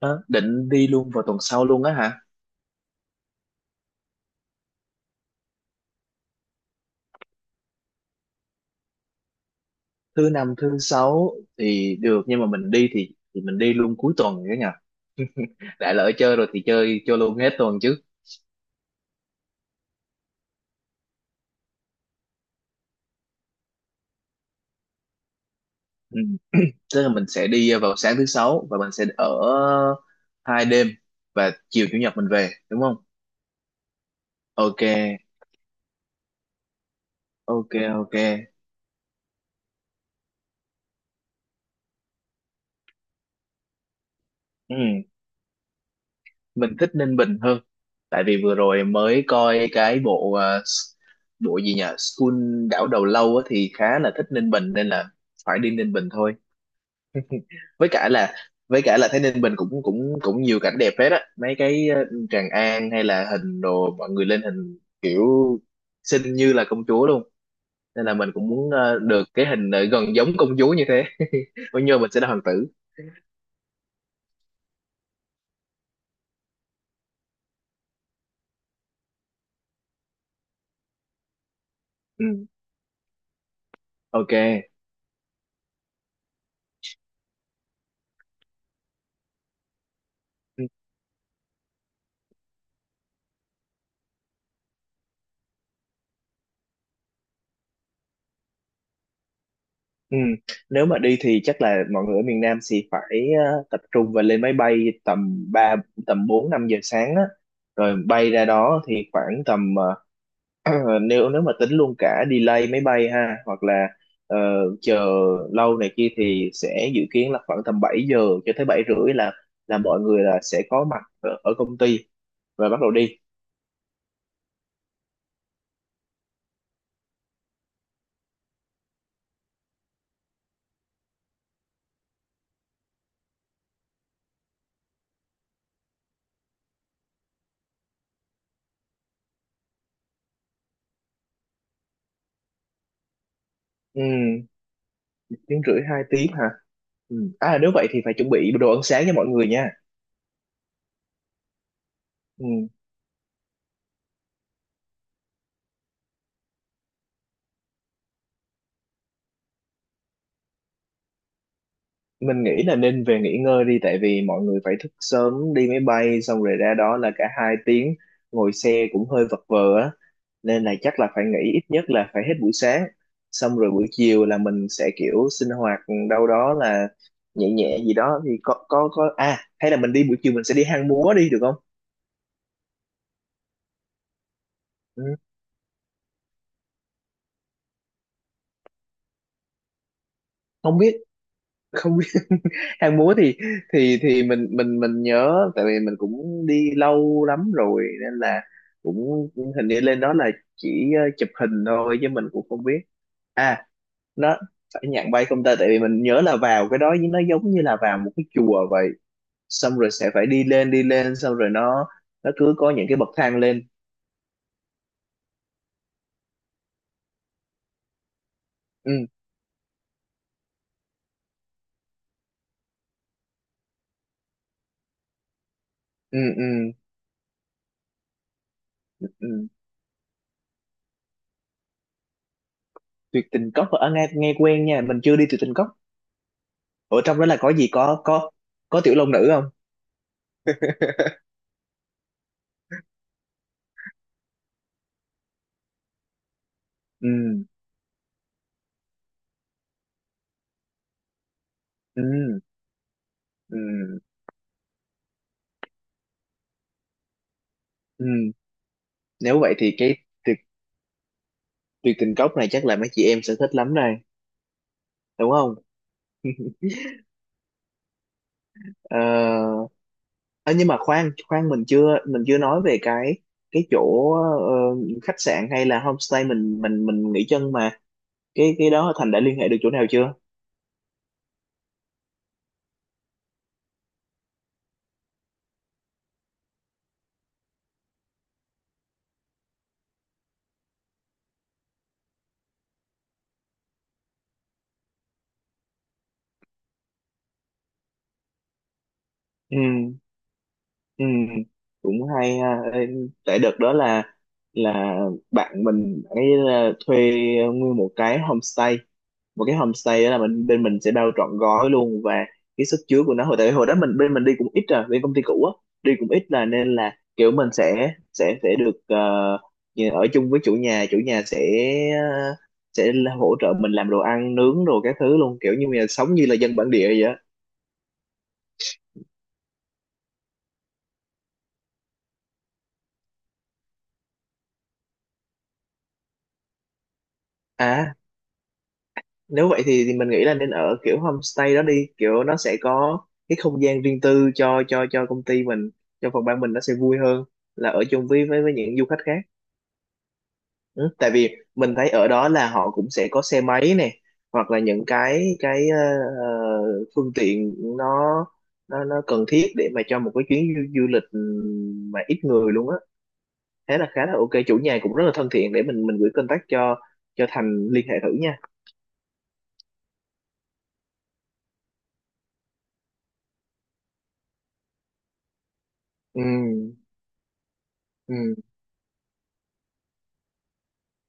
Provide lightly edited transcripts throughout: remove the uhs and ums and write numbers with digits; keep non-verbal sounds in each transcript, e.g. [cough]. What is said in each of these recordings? Đó, định đi luôn vào tuần sau luôn á hả? Thứ năm, thứ sáu thì được nhưng mà mình đi thì mình đi luôn cuối tuần cả nhà. Đã lỡ chơi rồi thì chơi cho luôn hết tuần chứ. Ừ. Tức là mình sẽ đi vào sáng thứ sáu và mình sẽ ở 2 đêm và chiều chủ nhật mình về đúng không? Ok, ok, ok. Ừ. Mình thích Ninh Bình hơn. Tại vì vừa rồi mới coi cái bộ gì nhỉ? School đảo đầu lâu á, thì khá là thích Ninh Bình nên là phải đi Ninh Bình thôi, với cả là với cả là thấy Ninh Bình cũng cũng cũng nhiều cảnh đẹp hết á, mấy cái Tràng An hay là hình đồ mọi người lên hình kiểu xinh như là công chúa luôn, nên là mình cũng muốn được cái hình gần giống công chúa như thế. [laughs] Bao nhiêu mình sẽ là hoàng tử. Ừ. Ok. Ừ. Ừ. Nếu mà đi thì chắc là mọi người ở miền Nam thì phải tập trung và lên máy bay tầm ba tầm 4-5 giờ sáng á, rồi bay ra đó thì khoảng tầm [clears throat] nếu nếu mà tính luôn cả delay máy bay ha, hoặc là ờ, chờ lâu này kia thì sẽ dự kiến là khoảng tầm 7 giờ cho tới 7h30 là mọi người là sẽ có mặt ở công ty và bắt đầu đi. Ừ, 1h30-2 tiếng hả. Ừ. À, nếu vậy thì phải chuẩn bị đồ ăn sáng cho mọi người nha. Ừ. Mình nghĩ là nên về nghỉ ngơi đi, tại vì mọi người phải thức sớm đi máy bay xong rồi ra đó là cả 2 tiếng ngồi xe cũng hơi vật vờ á, nên là chắc là phải nghỉ ít nhất là phải hết buổi sáng, xong rồi buổi chiều là mình sẽ kiểu sinh hoạt đâu đó là nhẹ nhẹ gì đó thì có à hay là mình đi buổi chiều mình sẽ đi Hang Múa đi được không? Ừ, không biết không biết. [laughs] Hang Múa thì mình nhớ, tại vì mình cũng đi lâu lắm rồi nên là cũng hình như lên đó là chỉ chụp hình thôi chứ mình cũng không biết. À, nó phải nhạc bay không ta? Tại vì mình nhớ là vào cái đó nó giống như là vào một cái chùa vậy, xong rồi sẽ phải đi lên đi lên, xong rồi nó cứ có những cái bậc thang lên. Ừ ừ ừ, ừ. Tuyệt Tình Cốc ở nghe nghe quen nha, mình chưa đi Tuyệt Tình Cốc. Ở trong đó là có gì, có tiểu long nữ không? [laughs] Ừ, ừ, ừ, ừ. Nếu vậy thì cái tuyệt tuyệt Tình Cốc này chắc là mấy chị em sẽ thích lắm đây, đúng không? Ờ à, nhưng mà khoan khoan mình chưa nói về cái chỗ khách sạn hay là homestay mình nghỉ chân mà, cái đó Thành đã liên hệ được chỗ nào chưa? Ừ, ừ, cũng hay ha. Ê, tại đợt đó là bạn mình ấy là thuê nguyên một cái homestay. Đó là mình bên mình sẽ bao trọn gói luôn, và cái sức chứa của nó tại hồi đó mình bên mình đi cũng ít rồi, bên công ty cũ á, đi cũng ít là nên là kiểu mình sẽ được như ở chung với chủ nhà, chủ nhà sẽ ờ, sẽ là hỗ trợ mình làm đồ ăn nướng đồ các thứ luôn, kiểu như là sống như là dân bản địa vậy á. À, nếu vậy thì mình nghĩ là nên ở kiểu homestay đó đi, kiểu nó sẽ có cái không gian riêng tư cho công ty mình, cho phòng ban mình nó sẽ vui hơn là ở chung với những du khách khác. Ừ. Tại vì mình thấy ở đó là họ cũng sẽ có xe máy này, hoặc là những cái phương tiện nó nó cần thiết để mà cho một cái chuyến du lịch mà ít người luôn á, thế là khá là ok. Chủ nhà cũng rất là thân thiện, để mình gửi contact cho Thành liên hệ thử nha. Ừ ừ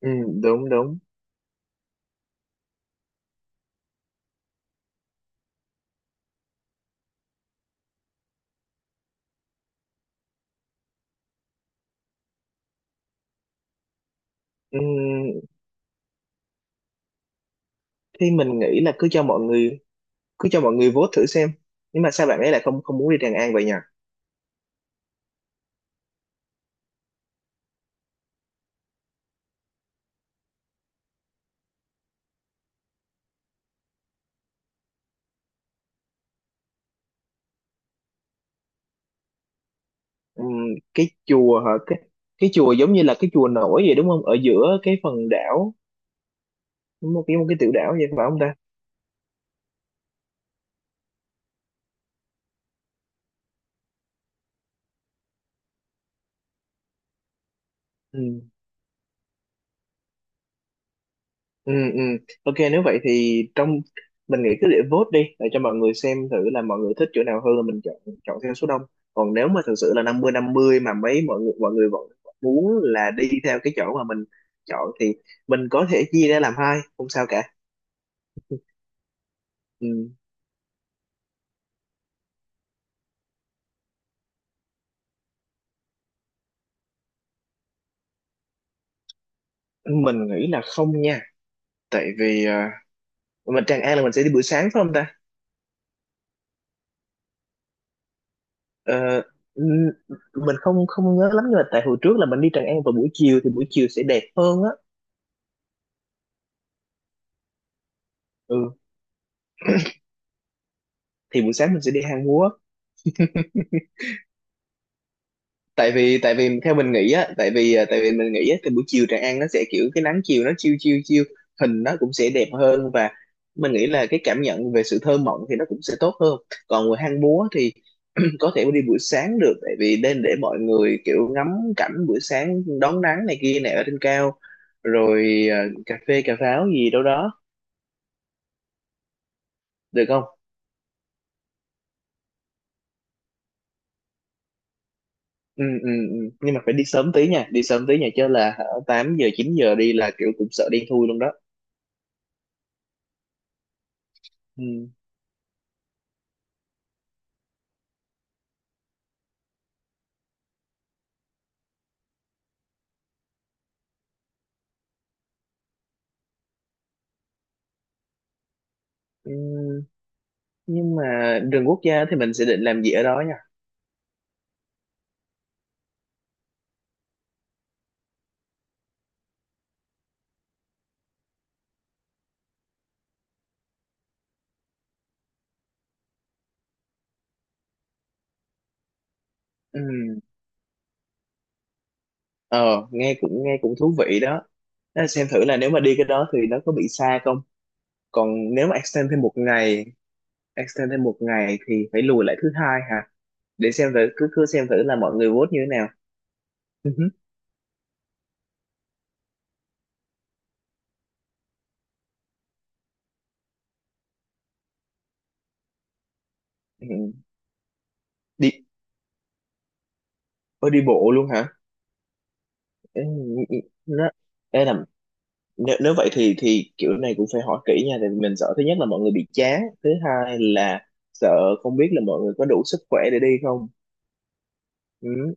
ừ, đúng đúng. Ừm, thì mình nghĩ là cứ cho mọi người vote thử xem, nhưng mà sao bạn ấy lại không không muốn đi Tràng An vậy nhỉ? Ừm, cái chùa hả? Cái chùa giống như là cái chùa nổi vậy đúng không, ở giữa cái phần đảo, một cái tiểu đảo vậy phải không ta? Ừ, ừ. Ok, nếu vậy thì mình nghĩ cứ để vote đi, để cho mọi người xem thử là mọi người thích chỗ nào hơn là mình chọn, chọn theo số đông. Còn nếu mà thực sự là 50-50 mà mấy mọi người vẫn vẫn muốn là đi theo cái chỗ mà mình chọn thì mình có thể chia ra làm hai, không sao cả. Ừ. Mình nghĩ là không nha, tại vì Tràng An là mình sẽ đi buổi sáng phải không ta? Ờ, n- mình không không nhớ lắm, nhưng mà tại hồi trước là mình đi Tràng An vào buổi chiều thì buổi chiều sẽ đẹp hơn á. Ừ, thì buổi sáng mình sẽ đi Hang Múa. Tại vì theo mình nghĩ á, tại vì mình nghĩ á thì buổi chiều Tràng An nó sẽ kiểu cái nắng chiều nó chiêu chiêu chiêu, hình nó cũng sẽ đẹp hơn, và mình nghĩ là cái cảm nhận về sự thơ mộng thì nó cũng sẽ tốt hơn. Còn người Hang Múa thì [clears throat] có thể đi buổi sáng được, tại vì nên để mọi người kiểu ngắm cảnh buổi sáng đón nắng này kia này ở trên cao, rồi cà phê cà pháo gì đâu đó, được không? Ừ, ừ, ừ. Nhưng mà phải đi sớm tí nha, đi sớm tí nha, chứ là hả, 8-9 giờ đi là kiểu cũng sợ đen thui luôn đó. Ừ. Ừ. Nhưng mà rừng quốc gia thì mình sẽ định làm gì ở đó nha? Ừ. ờ nghe cũng thú vị đó. Đó, xem thử là nếu mà đi cái đó thì nó có bị xa không. Còn nếu mà extend thêm một ngày thì phải lùi lại thứ hai hả, để xem thử cứ cứ xem thử là mọi người vote như thế nào. Ừ. Hứ. Ừ. đi Ôi, đi bộ luôn hả? Ừ, ừ, ừ. nó Ê, nếu vậy thì kiểu này cũng phải hỏi kỹ nha, tại vì mình sợ thứ nhất là mọi người bị chán, thứ hai là sợ không biết là mọi người có đủ sức khỏe để đi không. Ừ.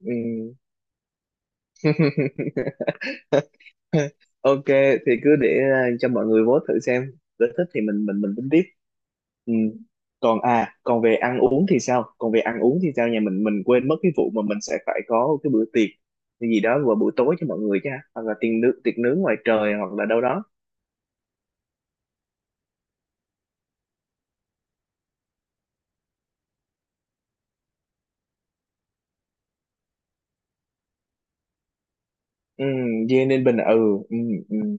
Ừ. [laughs] Ok, thì cứ để à, cho mọi người vote thử xem, nếu thích thì mình tính tiếp. Ừ. Còn về ăn uống thì sao, nhà mình quên mất cái vụ mà mình sẽ phải có cái bữa tiệc cái gì đó vào buổi tối cho mọi người chứ ha? Hoặc là tiệc nướng ngoài trời, hoặc là đâu đó. Ừ, dê nên bình à? Ừ, ừ, ừ,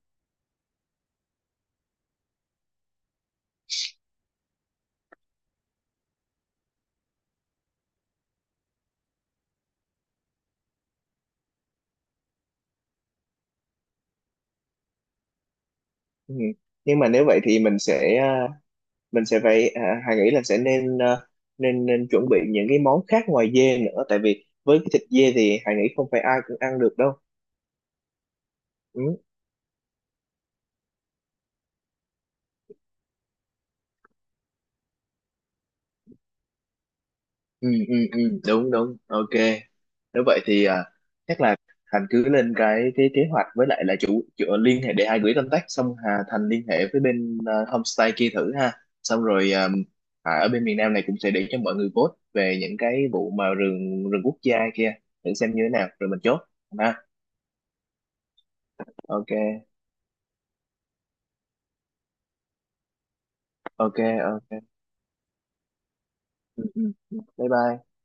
ừ. Nhưng mà nếu vậy thì mình sẽ à, mình sẽ phải à, Hà nghĩ là sẽ nên nên nên chuẩn bị những cái món khác ngoài dê nữa, tại vì với cái thịt dê thì Hà nghĩ không phải ai cũng ăn được đâu. Ừ. Ừ ừ ừ, đúng đúng, ok. Nếu vậy thì à, chắc là Thành cứ lên cái kế hoạch, với lại là chủ liên hệ để hai gửi contact, xong Hà Thành liên hệ với bên à, homestay kia thử ha, xong rồi à, Hà ở bên miền Nam này cũng sẽ để cho mọi người vote về những cái vụ mà rừng rừng quốc gia kia thử xem như thế nào rồi mình chốt ha. Ok, ok, ok. Ừ, ừ. Bye bye.